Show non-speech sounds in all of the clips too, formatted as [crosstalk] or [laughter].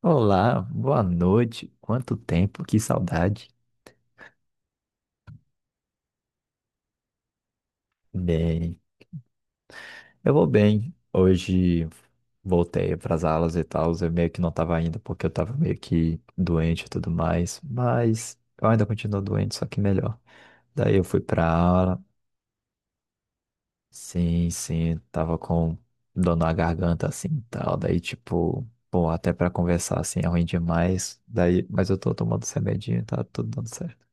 Olá, boa noite. Quanto tempo, que saudade. Bem, eu vou bem. Hoje voltei para as aulas e tal. Eu meio que não estava indo porque eu estava meio que doente e tudo mais, mas eu ainda continuo doente, só que melhor. Daí eu fui para aula. Sim, sim, tava com dor na garganta assim e tal. Daí tipo, pô, até para conversar assim é ruim demais. Daí, mas eu tô tomando esse remedinho, e tá tudo dando certo.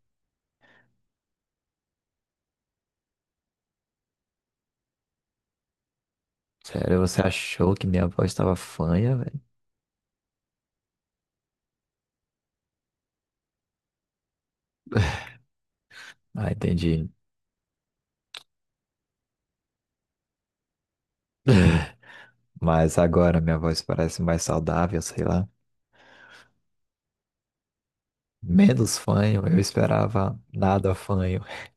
Sério, você achou que minha voz estava fanha, velho? Ah, entendi. [laughs] Mas agora minha voz parece mais saudável, sei lá. Menos fanho, eu esperava nada fanho. [laughs]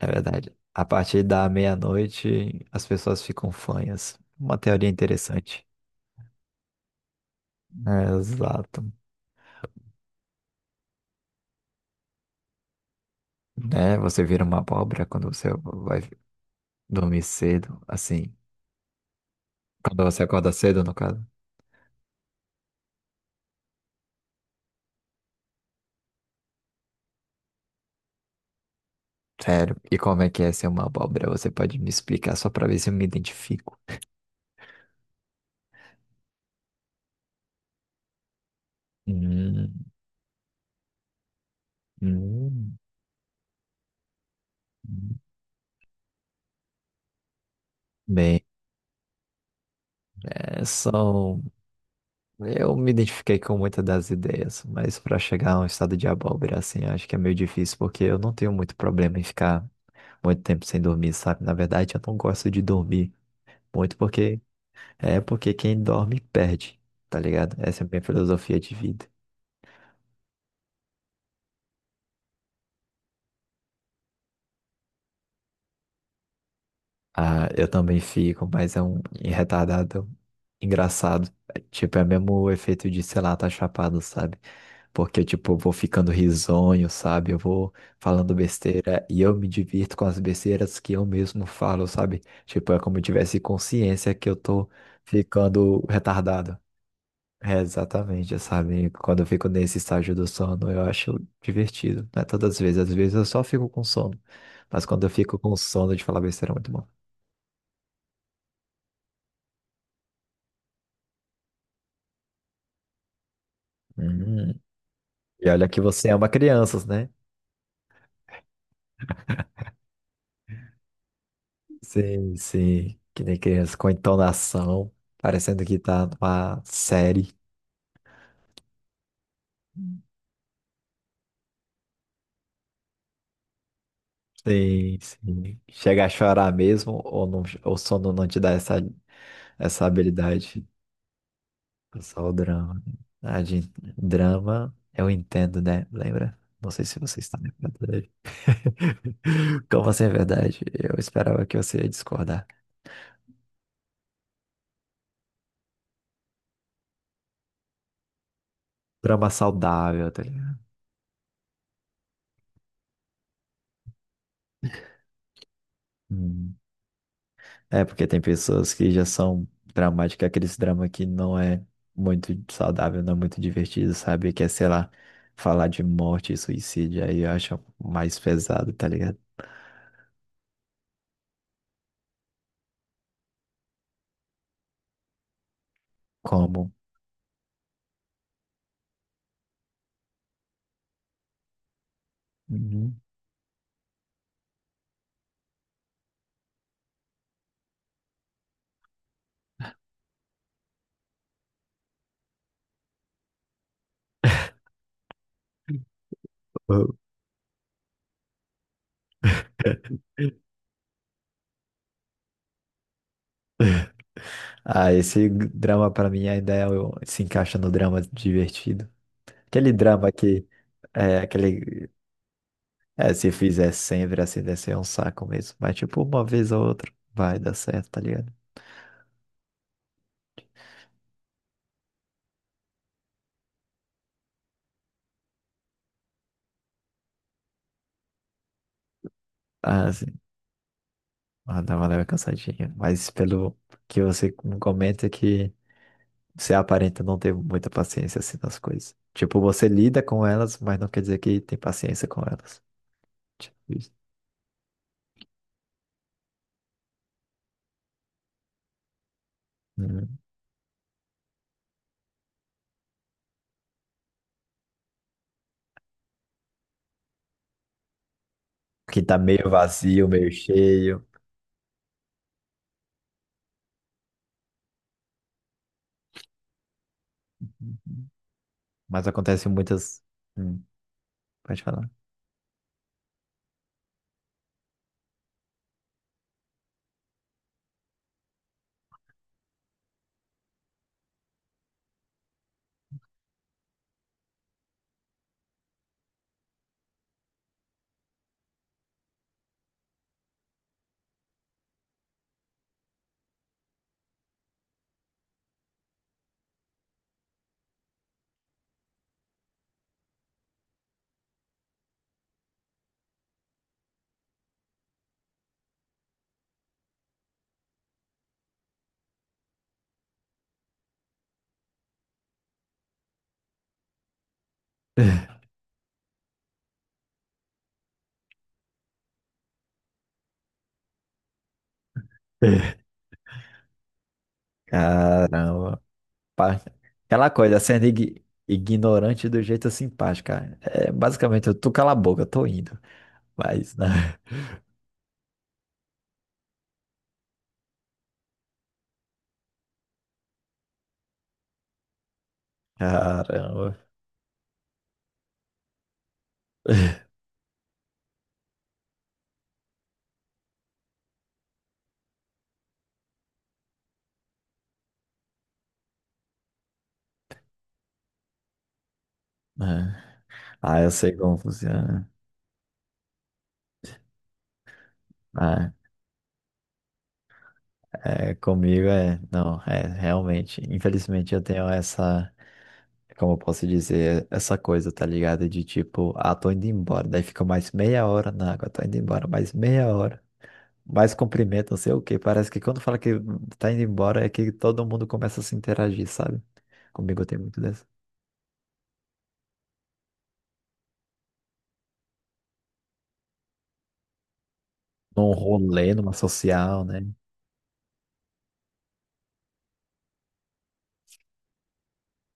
É verdade. A partir da meia-noite, as pessoas ficam fanhas. Uma teoria interessante. É, exato. Né? Você vira uma abóbora quando você vai dormir cedo, assim. Quando você acorda cedo, no caso. Sério. E como é que é ser uma abóbora? Você pode me explicar só pra ver se eu me identifico? Hum, hum. Hum. Bem. É, são. Eu me identifiquei com muitas das ideias, mas para chegar a um estado de abóbora, assim, acho que é meio difícil, porque eu não tenho muito problema em ficar muito tempo sem dormir, sabe? Na verdade, eu não gosto de dormir muito, porque é porque quem dorme perde, tá ligado? Essa é a minha filosofia de vida. Ah, eu também fico, mas é um retardado engraçado. É, tipo, é mesmo o efeito de, sei lá, tá chapado, sabe? Porque, tipo, eu vou ficando risonho, sabe? Eu vou falando besteira e eu me divirto com as besteiras que eu mesmo falo, sabe? Tipo, é como eu tivesse consciência que eu tô ficando retardado. É, exatamente, sabe? Quando eu fico nesse estágio do sono, eu acho divertido. Não é todas as vezes, às vezes eu só fico com sono. Mas quando eu fico com sono de falar besteira, é muito bom. Hum. E olha que você ama crianças, né? Sim, sim. Que nem criança com entonação, parecendo que tá numa série. Sim, sim. Chega a chorar mesmo ou não, o sono não te dá essa, essa habilidade? É só o drama. Ah, de drama, eu entendo, né? Lembra? Não sei se você está lembrando dele. [laughs] Como assim é verdade? Eu esperava que você ia discordar. Drama saudável, tá ligado? Hum. É, porque tem pessoas que já são dramáticas, aquele drama que não é muito saudável, não é muito divertido, sabe? Que é, sei lá, falar de morte e suicídio, aí eu acho mais pesado, tá ligado? Como? Uhum. [laughs] Ah, esse drama pra mim ainda é se encaixa no drama divertido. Aquele drama que é aquele é, se fizer sempre assim, deve ser um saco mesmo. Mas tipo, uma vez ou outra vai dar certo, tá ligado? Ah, sim. Ah, dá uma leve cansadinha. Mas pelo que você me comenta que você aparenta não ter muita paciência assim nas coisas. Tipo, você lida com elas, mas não quer dizer que tem paciência com elas. Tipo isso. Uhum. Que tá meio vazio, meio cheio. Uhum. Mas acontece muitas. Hum, pode falar. [laughs] Caramba. Pa- Aquela coisa, sendo ignorante do jeito simpático, cara. É basicamente, eu tô cala a boca, eu tô indo. Mas, né? [laughs] Caramba. Né. Ah, eu sei como funciona. Ah, é, comigo é. Não, é, realmente. Infelizmente eu tenho essa. Como eu posso dizer? Essa coisa, tá ligado? De tipo, ah, tô indo embora. Daí fica mais meia hora na água, tô indo embora, mais meia hora. Mais cumprimento, não sei o quê. Parece que quando fala que tá indo embora é que todo mundo começa a se interagir, sabe? Comigo tem muito dessa. Num rolê, numa social, né?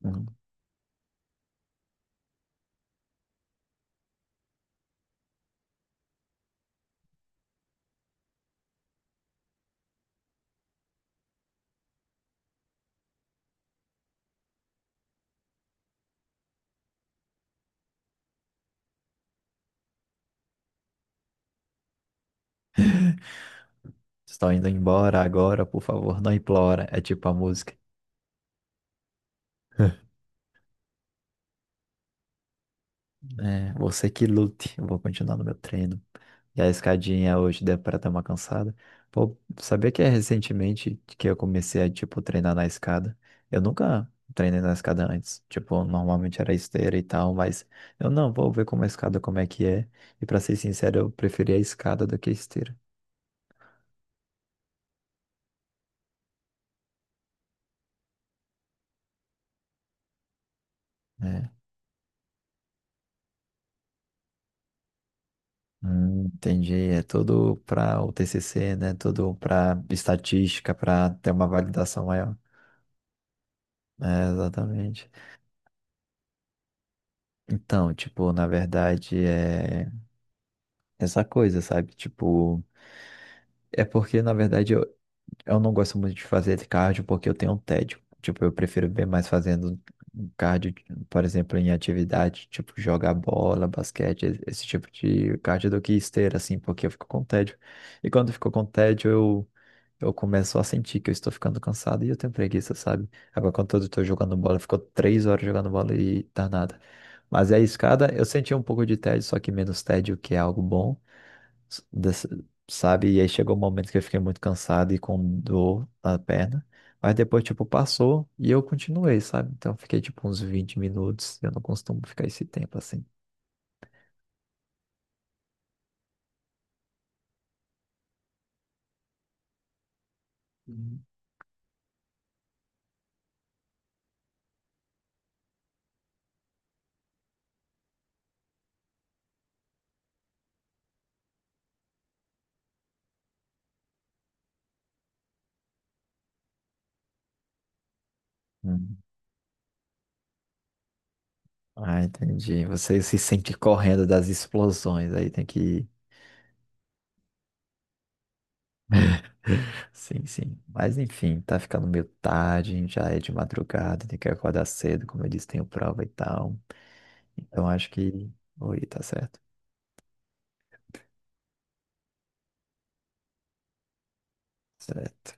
Uhum. [laughs] Estou indo embora agora, por favor, não implora. É tipo a música. É, você que lute, eu vou continuar no meu treino. E a escadinha hoje deu para dar uma cansada. Pô, sabia que é recentemente que eu comecei a, tipo, treinar na escada? Eu nunca treinei na escada antes. Tipo, normalmente era esteira e tal, mas eu não, vou ver como a escada, como é que é. E pra ser sincero, eu preferi a escada do que a esteira. É. Entendi. É tudo para o TCC, né? Tudo para estatística, para ter uma validação maior. É, exatamente. Então, tipo, na verdade é essa coisa, sabe? Tipo, é porque na verdade eu não gosto muito de fazer cardio porque eu tenho um tédio. Tipo, eu prefiro ver mais fazendo um cardio, por exemplo, em atividade, tipo jogar bola, basquete, esse tipo de cardio do que esteira, assim, porque eu fico com tédio. E quando eu fico com tédio, eu começo a sentir que eu estou ficando cansado e eu tenho preguiça, sabe? Agora, quando eu estou jogando bola, ficou 3 horas jogando bola e tá nada. Mas a escada, eu senti um pouco de tédio, só que menos tédio, que é algo bom s- dessa- sabe? E aí chegou um momento que eu fiquei muito cansado e com dor na perna. Mas depois, tipo, passou e eu continuei, sabe? Então eu fiquei, tipo, uns 20 minutos. Eu não costumo ficar esse tempo assim. Uhum. Hum. Ah, entendi. Você se sente correndo das explosões, aí tem que ir. Sim, sim. Mas enfim, tá ficando meio tarde, já é de madrugada, tem que acordar cedo, como eu disse, tenho prova e tal. Então acho que. Oi, tá certo. Certo.